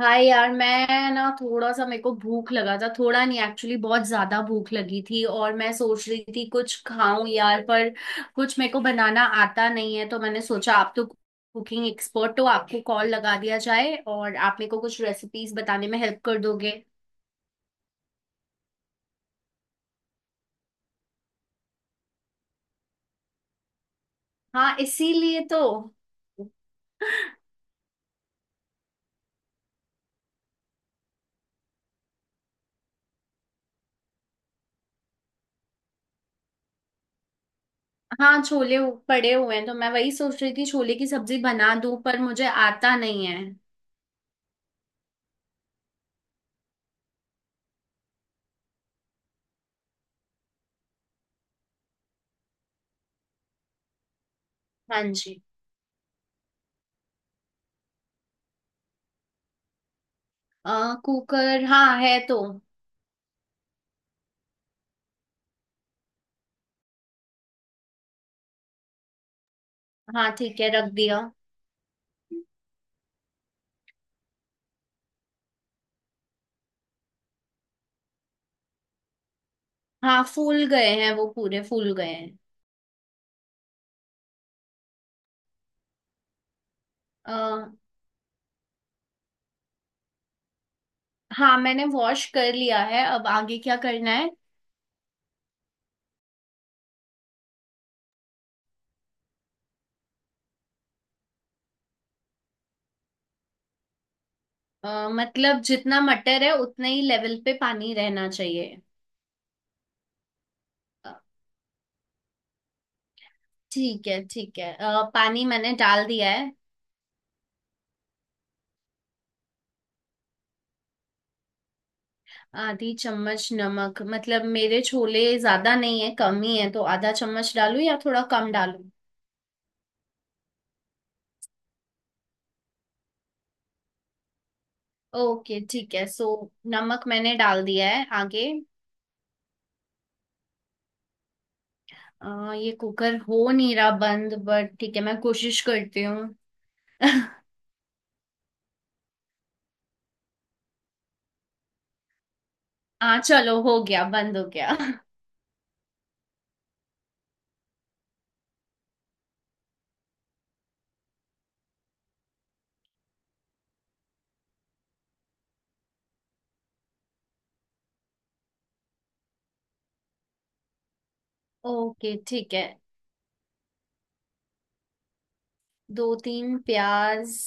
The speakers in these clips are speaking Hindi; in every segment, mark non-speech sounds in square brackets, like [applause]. हाय यार। मैं ना थोड़ा सा मेरे को भूख लगा था, थोड़ा नहीं एक्चुअली बहुत ज्यादा भूख लगी थी। और मैं सोच रही थी कुछ खाऊं यार, पर कुछ मेरे को बनाना आता नहीं है। तो मैंने सोचा आप तो कुकिंग एक्सपर्ट हो, आपको कॉल लगा दिया जाए और आप मेरे को कुछ रेसिपीज बताने में हेल्प कर दोगे। हाँ, इसीलिए तो। हाँ, छोले पड़े हुए हैं, तो मैं वही सोच रही थी छोले की सब्जी बना दूं, पर मुझे आता नहीं है। हाँ जी। कुकर हाँ है तो। हाँ ठीक है, रख दिया। हाँ फूल गए हैं, वो पूरे फूल गए हैं। आ, हाँ मैंने वॉश कर लिया है, अब आगे क्या करना है? मतलब जितना मटर है उतने ही लेवल पे पानी रहना चाहिए? अ, ठीक है ठीक है। पानी मैंने डाल दिया है। आधी चम्मच नमक? मतलब मेरे छोले ज्यादा नहीं है, कम ही है, तो आधा चम्मच डालूं या थोड़ा कम डालूं? ओके ठीक है सो। नमक मैंने डाल दिया है। आगे? ये कुकर हो नहीं रहा बंद, बट ठीक है मैं कोशिश करती हूँ। [laughs] हाँ चलो, हो गया, बंद हो गया। ओके ठीक है। दो तीन प्याज।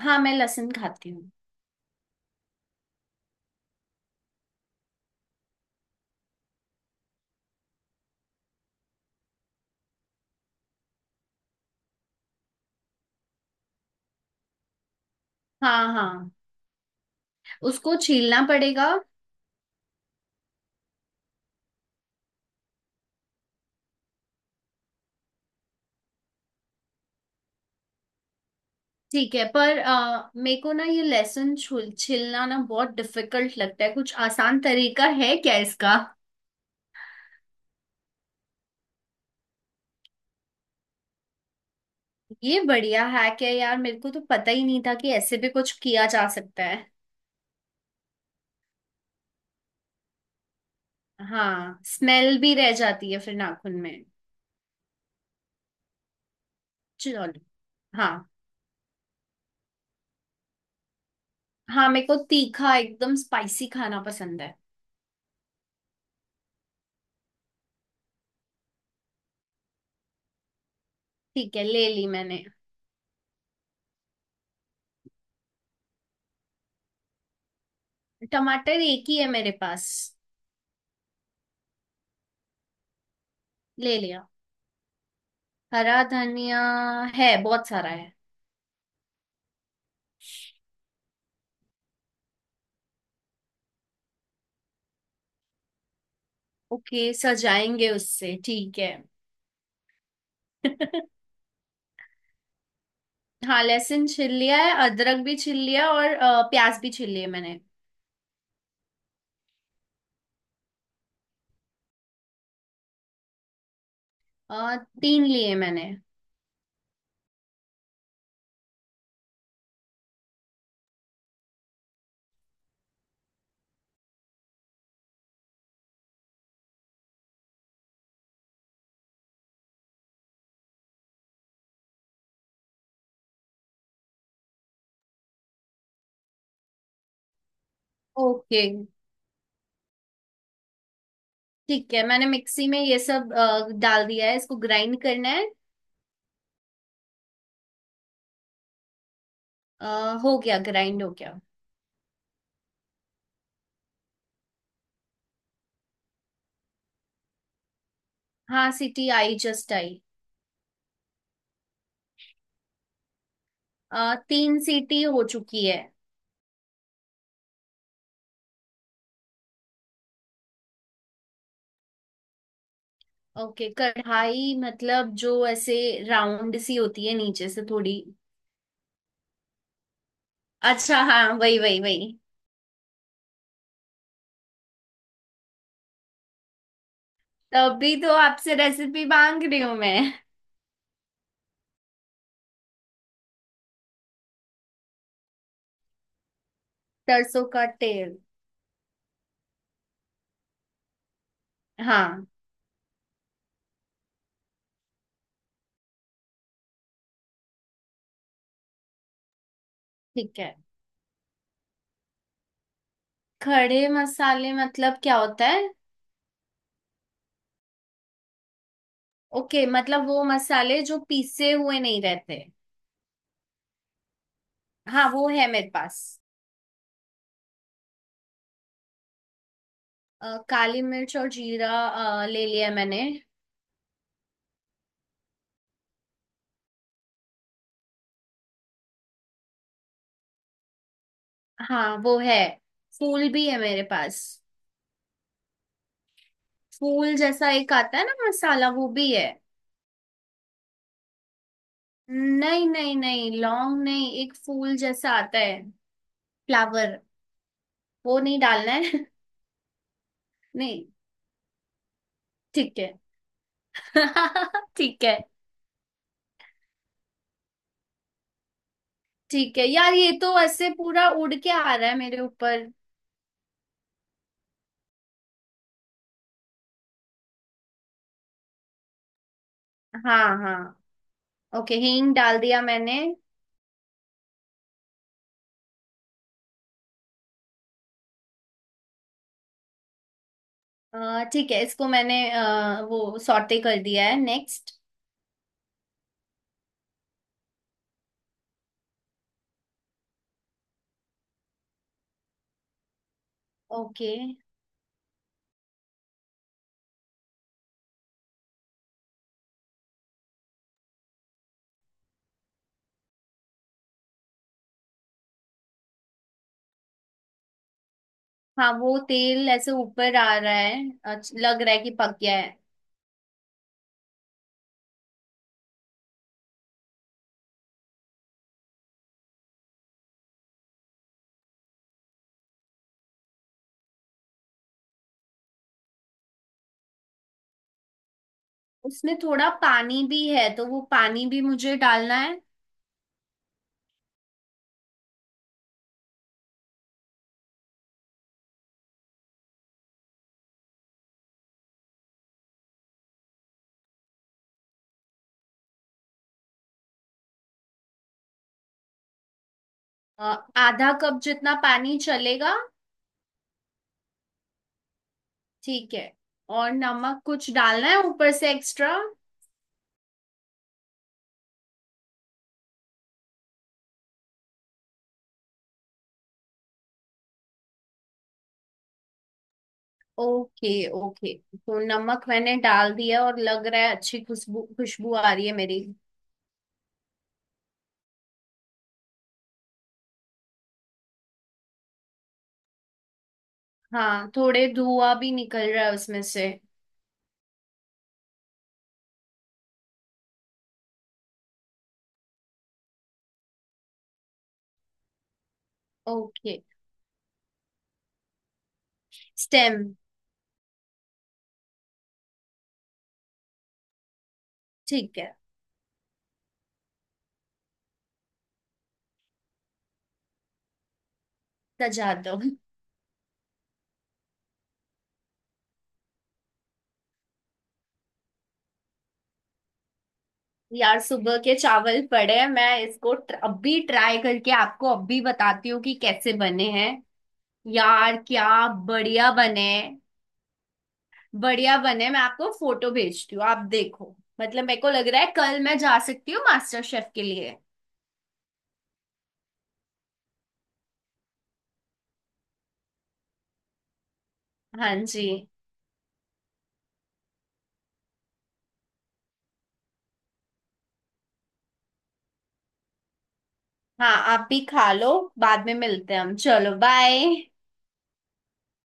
हाँ, मैं लहसुन खाती हूँ। हाँ हाँ। उसको छीलना पड़ेगा? ठीक है, पर मेरे को ना ये लहसुन छुल छीलना ना बहुत डिफिकल्ट लगता है, कुछ आसान तरीका है क्या इसका? ये बढ़िया हैक है यार, मेरे को तो पता ही नहीं था कि ऐसे भी कुछ किया जा सकता है। हाँ, स्मेल भी रह जाती है फिर नाखून में। चलो। हाँ। हाँ, मेरे को तीखा एकदम स्पाइसी खाना पसंद है। ठीक है, ले ली मैंने। टमाटर एक ही है मेरे पास। ले लिया। हरा धनिया है, बहुत सारा है। ओके, सजाएंगे उससे, ठीक है। [laughs] हाँ लहसुन छिल लिया है, अदरक भी छिल लिया, और प्याज भी छिल लिए मैंने। तीन लिए मैंने। ओके ठीक है। मैंने मिक्सी में ये सब डाल दिया है, इसको ग्राइंड करना है? अ, हो गया, ग्राइंड हो गया। हाँ सीटी आई, जस्ट आई। तीन सीटी हो चुकी है। ओके, कढ़ाई मतलब जो ऐसे राउंड सी होती है, नीचे से थोड़ी। अच्छा हाँ, वही वही वही। तभी तो आपसे रेसिपी मांग रही हूँ मैं। सरसों का तेल? हाँ। ठीक है। खड़े मसाले मतलब क्या होता है? ओके, मतलब वो मसाले जो पीसे हुए नहीं रहते। हाँ वो है मेरे पास। काली मिर्च और जीरा ले लिया मैंने। हाँ वो है। फूल भी है मेरे पास। फूल जैसा एक आता है ना मसाला, वो भी है। नहीं नहीं नहीं, लॉन्ग नहीं, एक फूल जैसा आता है। फ्लावर। वो नहीं डालना है? [laughs] नहीं। ठीक है। [laughs] ठीक है। ठीक है यार, ये तो ऐसे पूरा उड़ के आ रहा है मेरे ऊपर। हाँ हाँ। ओके, हींग डाल दिया मैंने। ठीक है, इसको मैंने वो सॉटे कर दिया है, नेक्स्ट? ओके। हाँ वो तेल ऐसे ऊपर आ रहा है, अच्छा, लग रहा है कि पक गया है। उसमें थोड़ा पानी भी है, तो वो पानी भी मुझे डालना है। अ, आधा कप जितना पानी चलेगा? ठीक है। और नमक कुछ डालना है ऊपर से एक्स्ट्रा? ओके ओके, तो नमक मैंने डाल दिया, और लग रहा है अच्छी खुशबू, खुशबू आ रही है मेरी। हाँ, थोड़े धुआं भी निकल रहा है उसमें से। ओके। स्टेम। ठीक है। सजा दो। यार सुबह के चावल पड़े हैं, मैं इसको अभी ट्राई करके आपको अभी बताती हूँ कि कैसे बने हैं। यार क्या बढ़िया बने हैं। बढ़िया बने, मैं आपको फोटो भेजती हूँ, आप देखो। मतलब मेरे को लग रहा है कल मैं जा सकती हूँ मास्टर शेफ के लिए। हाँ जी। हाँ, आप भी खा लो। बाद में मिलते हैं हम, चलो बाय।